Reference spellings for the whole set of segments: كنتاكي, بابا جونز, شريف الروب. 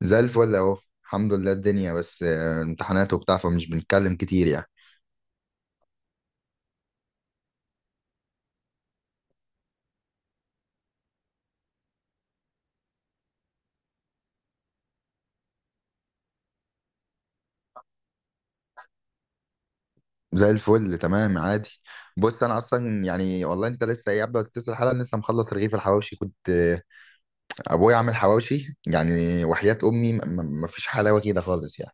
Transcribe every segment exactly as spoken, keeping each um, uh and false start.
زي الفل اهو. الحمد لله الدنيا بس آه، امتحانات وبتاع، فمش بنتكلم كتير يعني. زي الفل تمام عادي. بص انا اصلا يعني والله، انت لسه ايه قبل ما تتصل الحلقه لسه مخلص رغيف الحواوشي، كنت آه، ابويا عامل حواوشي يعني، وحياة امي م- م- مفيش حلاوه كده خالص يعني.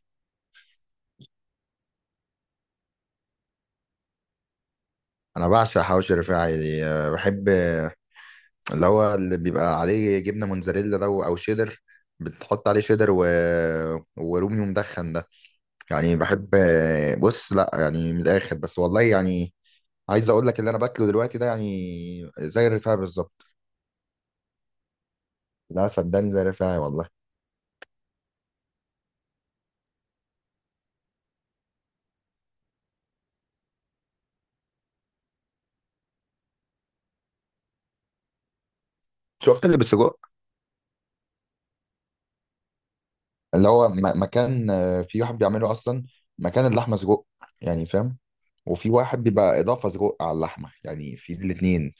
انا بعشق حواوشي الرفاعي آه، بحب آه، اللي هو اللي بيبقى عليه جبنه موتزاريلا ده او شيدر. بتحط عليه شيدر و... ورومي مدخن ده. يعني بحب آه، بص لا يعني من الاخر، بس والله يعني عايز اقول لك اللي انا باكله دلوقتي ده يعني زي الرفاعي بالظبط. لا صدقني زي الرفاعي والله. شفت اللي بالسجق؟ اللي هو م- مكان آه، في واحد بيعمله اصلا مكان اللحمه سجق، يعني فاهم. وفي واحد بيبقى اضافه سجق على اللحمه يعني في الاثنين.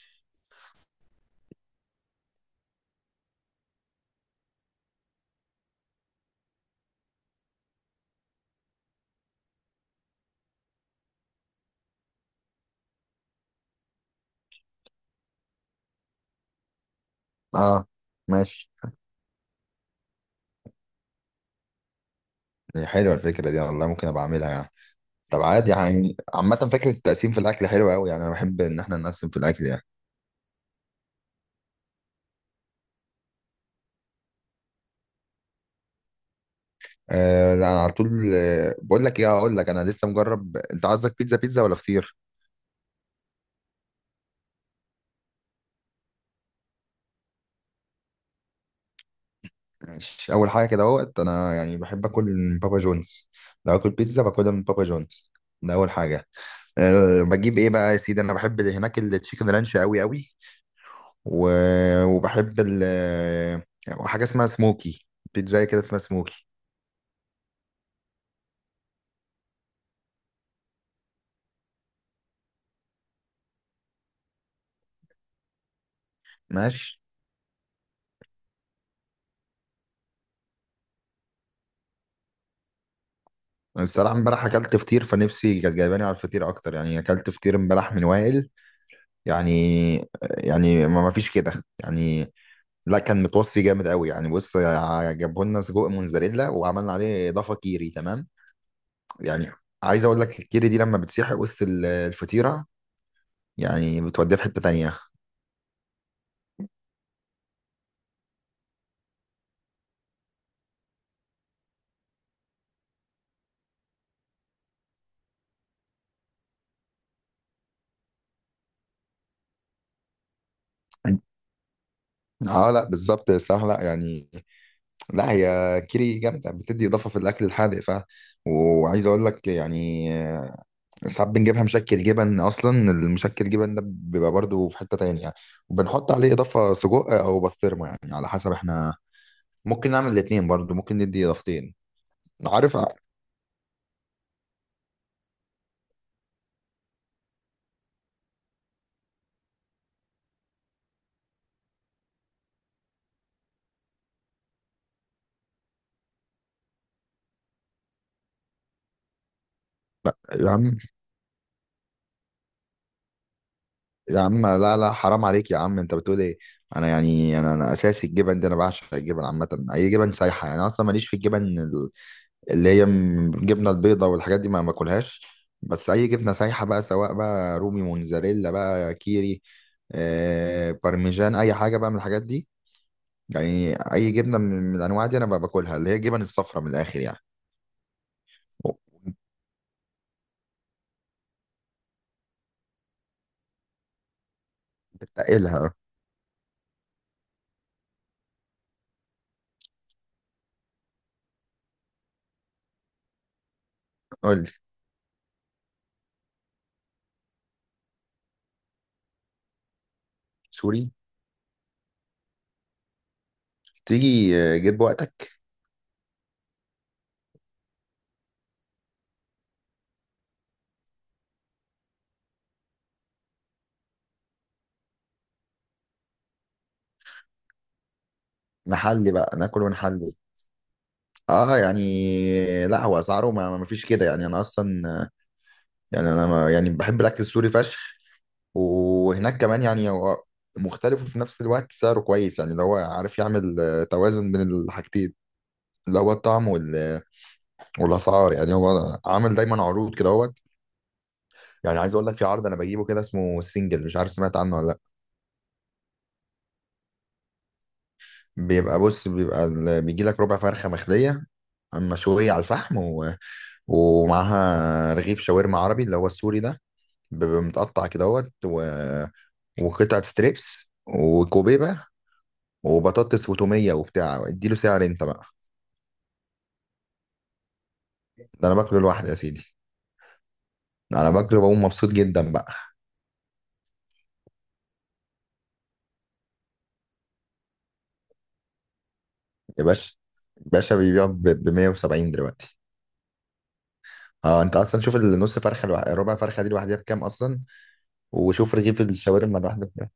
اه ماشي. حلوه الفكره دي والله، ممكن ابقى اعملها يعني. طب عادي يعني، عامه فكره التقسيم في الاكل حلوه قوي يعني، انا بحب ان احنا نقسم في الاكل يعني. آه لا انا على طول آه، بقول لك ايه، هقول لك انا لسه مجرب، انت عايزك بيتزا بيتزا ولا فطير؟ ماشي، اول حاجه كده اهوت، انا يعني بحب اكل من بابا جونز، لو اكل بيتزا باكلها من بابا جونز، ده اول حاجه. أه بجيب ايه بقى يا سيدي، انا بحب اللي هناك التشيكن رانش قوي قوي و... وبحب ال... حاجه اسمها سموكي، بيتزا كده اسمها سموكي. ماشي. الصراحه امبارح اكلت فطير، فنفسي كانت جايباني على الفطير اكتر يعني، اكلت فطير امبارح من وائل يعني يعني ما ما فيش كده يعني. لا كان متوصي جامد قوي يعني، بص ع- جابوا لنا سجق موزاريلا وعملنا عليه اضافه كيري تمام يعني. عايز اقول لك الكيري دي لما بتسيح وسط ال- الفطيره، يعني بتوديها في حته تانية. اه لا بالظبط الصراحه لا يعني. لا هي كيري جامده بتدي اضافه في الاكل الحادق ف، وعايز اقول لك يعني آه، ساعات بنجيبها مشكل جبن اصلا، المشكل جبن ده بيبقى برضو في حته تانية يعني، وبنحط عليه اضافه سجق او بسطرمه يعني على حسب احنا، ممكن نعمل الاتنين برضو ممكن ندي اضافتين. عارف ع- يا عم، يا عم، لا لا حرام عليك يا عم، انت بتقول ايه؟ انا يعني انا انا اساسي الجبن دي، انا بعشق الجبن عامه، اي جبن سايحه يعني. انا اصلا ماليش في الجبن ال- اللي هي م- الجبنه البيضاء والحاجات دي ما باكلهاش. بس اي جبنه سايحه بقى، سواء بقى رومي موزاريلا بقى كيري آه بارميجان، اي حاجه بقى من الحاجات دي يعني. اي جبنه من من الانواع دي انا بقى باكلها، اللي هي الجبن الصفراء من الاخر يعني. بتقلها. قول لي. سوري؟ تيجي آه، جيب وقتك. نحلي بقى، ناكل ونحلي. اه يعني لا هو اسعاره ما ما فيش كده يعني، انا اصلا يعني، انا ما يعني بحب الاكل السوري فشخ، وهناك كمان يعني هو مختلف، وفي نفس الوقت سعره كويس يعني اللي هو عارف يعمل آه، توازن بين الحاجتين، اللي هو الطعم وال... والاسعار يعني. هو عامل دايما عروض كده اهوت، يعني عايز اقول لك في عرض انا بجيبه كده اسمه سنجل، مش عارف سمعت عنه ولا لا. بيبقى بص، بيبقى ال- بيجي لك ربع فرخه مخليه مشويه على الفحم و... ومعاها رغيف شاورما عربي اللي هو السوري ده، بيبقى متقطع كدهوت و... وقطعة ستريبس وكوبيبة وبطاطس وتومية وبتاع، اديله سعر انت بقى. ده انا باكله لوحدي يا سيدي. ده انا باكله بقوم مبسوط جدا بقى. يا باشا، باشا بيبيع ب مية وسبعين دلوقتي. اه انت اصلا شوف النص فرخه الوح... ربع فرخه دي لوحدها بكام اصلا، وشوف رغيف الشاورما لوحده بكام.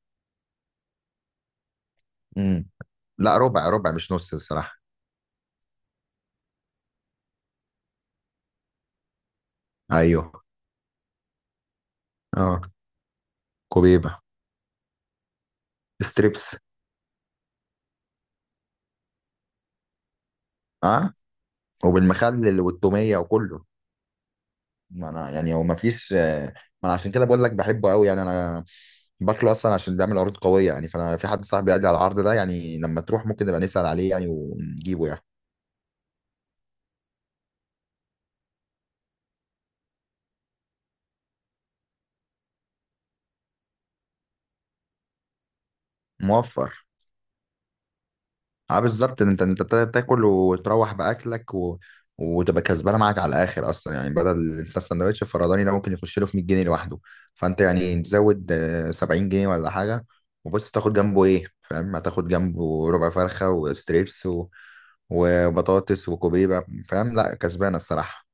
امم. لا ربع ربع مش نص الصراحه. ايوه. اه. كوبيبه. ستريبس. اه وبالمخلل والتوميه وكله. ما انا يعني، هو ما فيش ما، انا عشان كده بقول لك بحبه قوي، يعني انا باكله اصلا عشان بيعمل عروض قويه يعني، فانا في حد صاحبي قال لي على العرض ده يعني، لما تروح ممكن نبقى نسال عليه يعني ونجيبه يعني. موفر. اه بالظبط، انت انت تاكل وتروح باكلك و... وتبقى كسبانه معاك على الاخر اصلا يعني. بدل انت السندوتش الفرداني ده ممكن يخش له في مية جنيه لوحده، فانت يعني تزود آه، سبعين جنيه ولا حاجه. وبص تاخد جنبه ايه فاهم؟ هتاخد جنبه ربع فرخه وستريبس و... وبطاطس وكوبيبه فاهم؟ لا كسبانه الصراحه.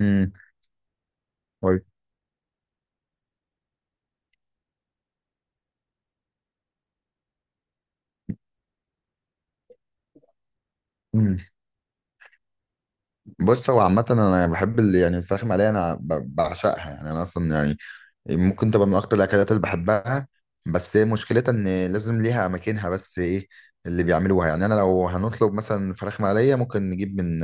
امم. بص هو عامة أنا بحب اللي يعني الفراخ المقلية، أنا ب- بعشقها يعني، أنا أصلا يعني ممكن تبقى من اكتر الاكلات اللي بحبها. بس هي مشكلتها ان لازم ليها اماكنها، بس ايه اللي بيعملوها؟ يعني انا لو هنطلب مثلا فراخ مقليه ممكن نجيب من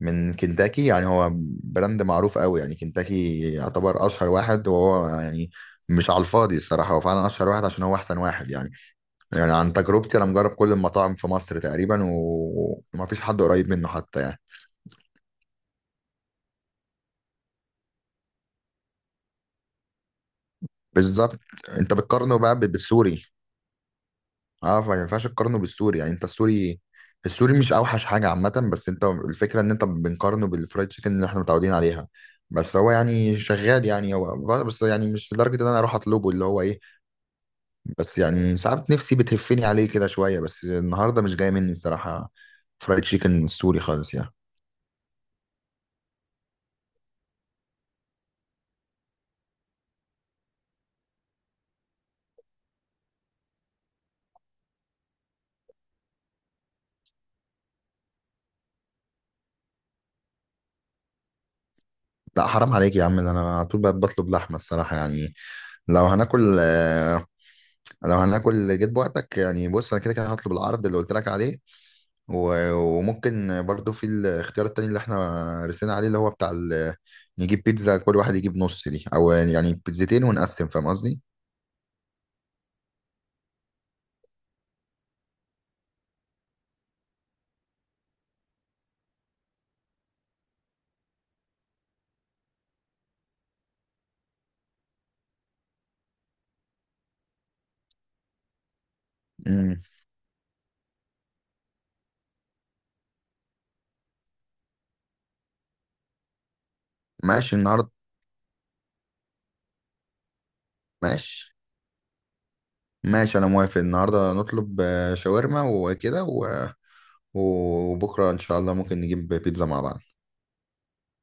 من كنتاكي يعني، هو براند معروف قوي يعني، كنتاكي يعتبر اشهر واحد، وهو يعني مش على الفاضي الصراحه، هو فعلا اشهر واحد عشان هو احسن واحد يعني يعني عن تجربتي انا مجرب كل المطاعم في مصر تقريبا و- ومفيش حد قريب منه حتى يعني. بالظبط. انت بتقارنه بقى بالسوري. اه فما ينفعش تقارنه بالسوري يعني، انت السوري، السوري مش اوحش حاجه عامه، بس انت الفكره ان انت بنقارنه بالفرايد تشيكن اللي احنا متعودين عليها. بس هو يعني شغال يعني، هو بس يعني مش لدرجه ان انا اروح اطلبه، اللي هو ايه، بس يعني ساعات نفسي بتهفني عليه كده شويه، بس النهارده مش جاي مني الصراحه فرايد تشيكن السوري خالص يعني. لا حرام عليك يا عم، ده انا على طول بقى بطلب لحمه الصراحه يعني. لو هناكل آه، لو هناكل جيت بوقتك يعني، بص انا كده كده هطلب العرض اللي قلت لك عليه، و- وممكن برضو في الاختيار التاني اللي احنا رسينا عليه، اللي هو بتاع ال- نجيب بيتزا كل واحد يجيب نص دي، او يعني بيتزتين ونقسم، فاهم قصدي؟ امم. ماشي النهارده. ماشي ماشي انا موافق، النهارده نطلب آه، شاورما وكده، و- وبكره ان شاء الله ممكن نجيب بيتزا مع بعض.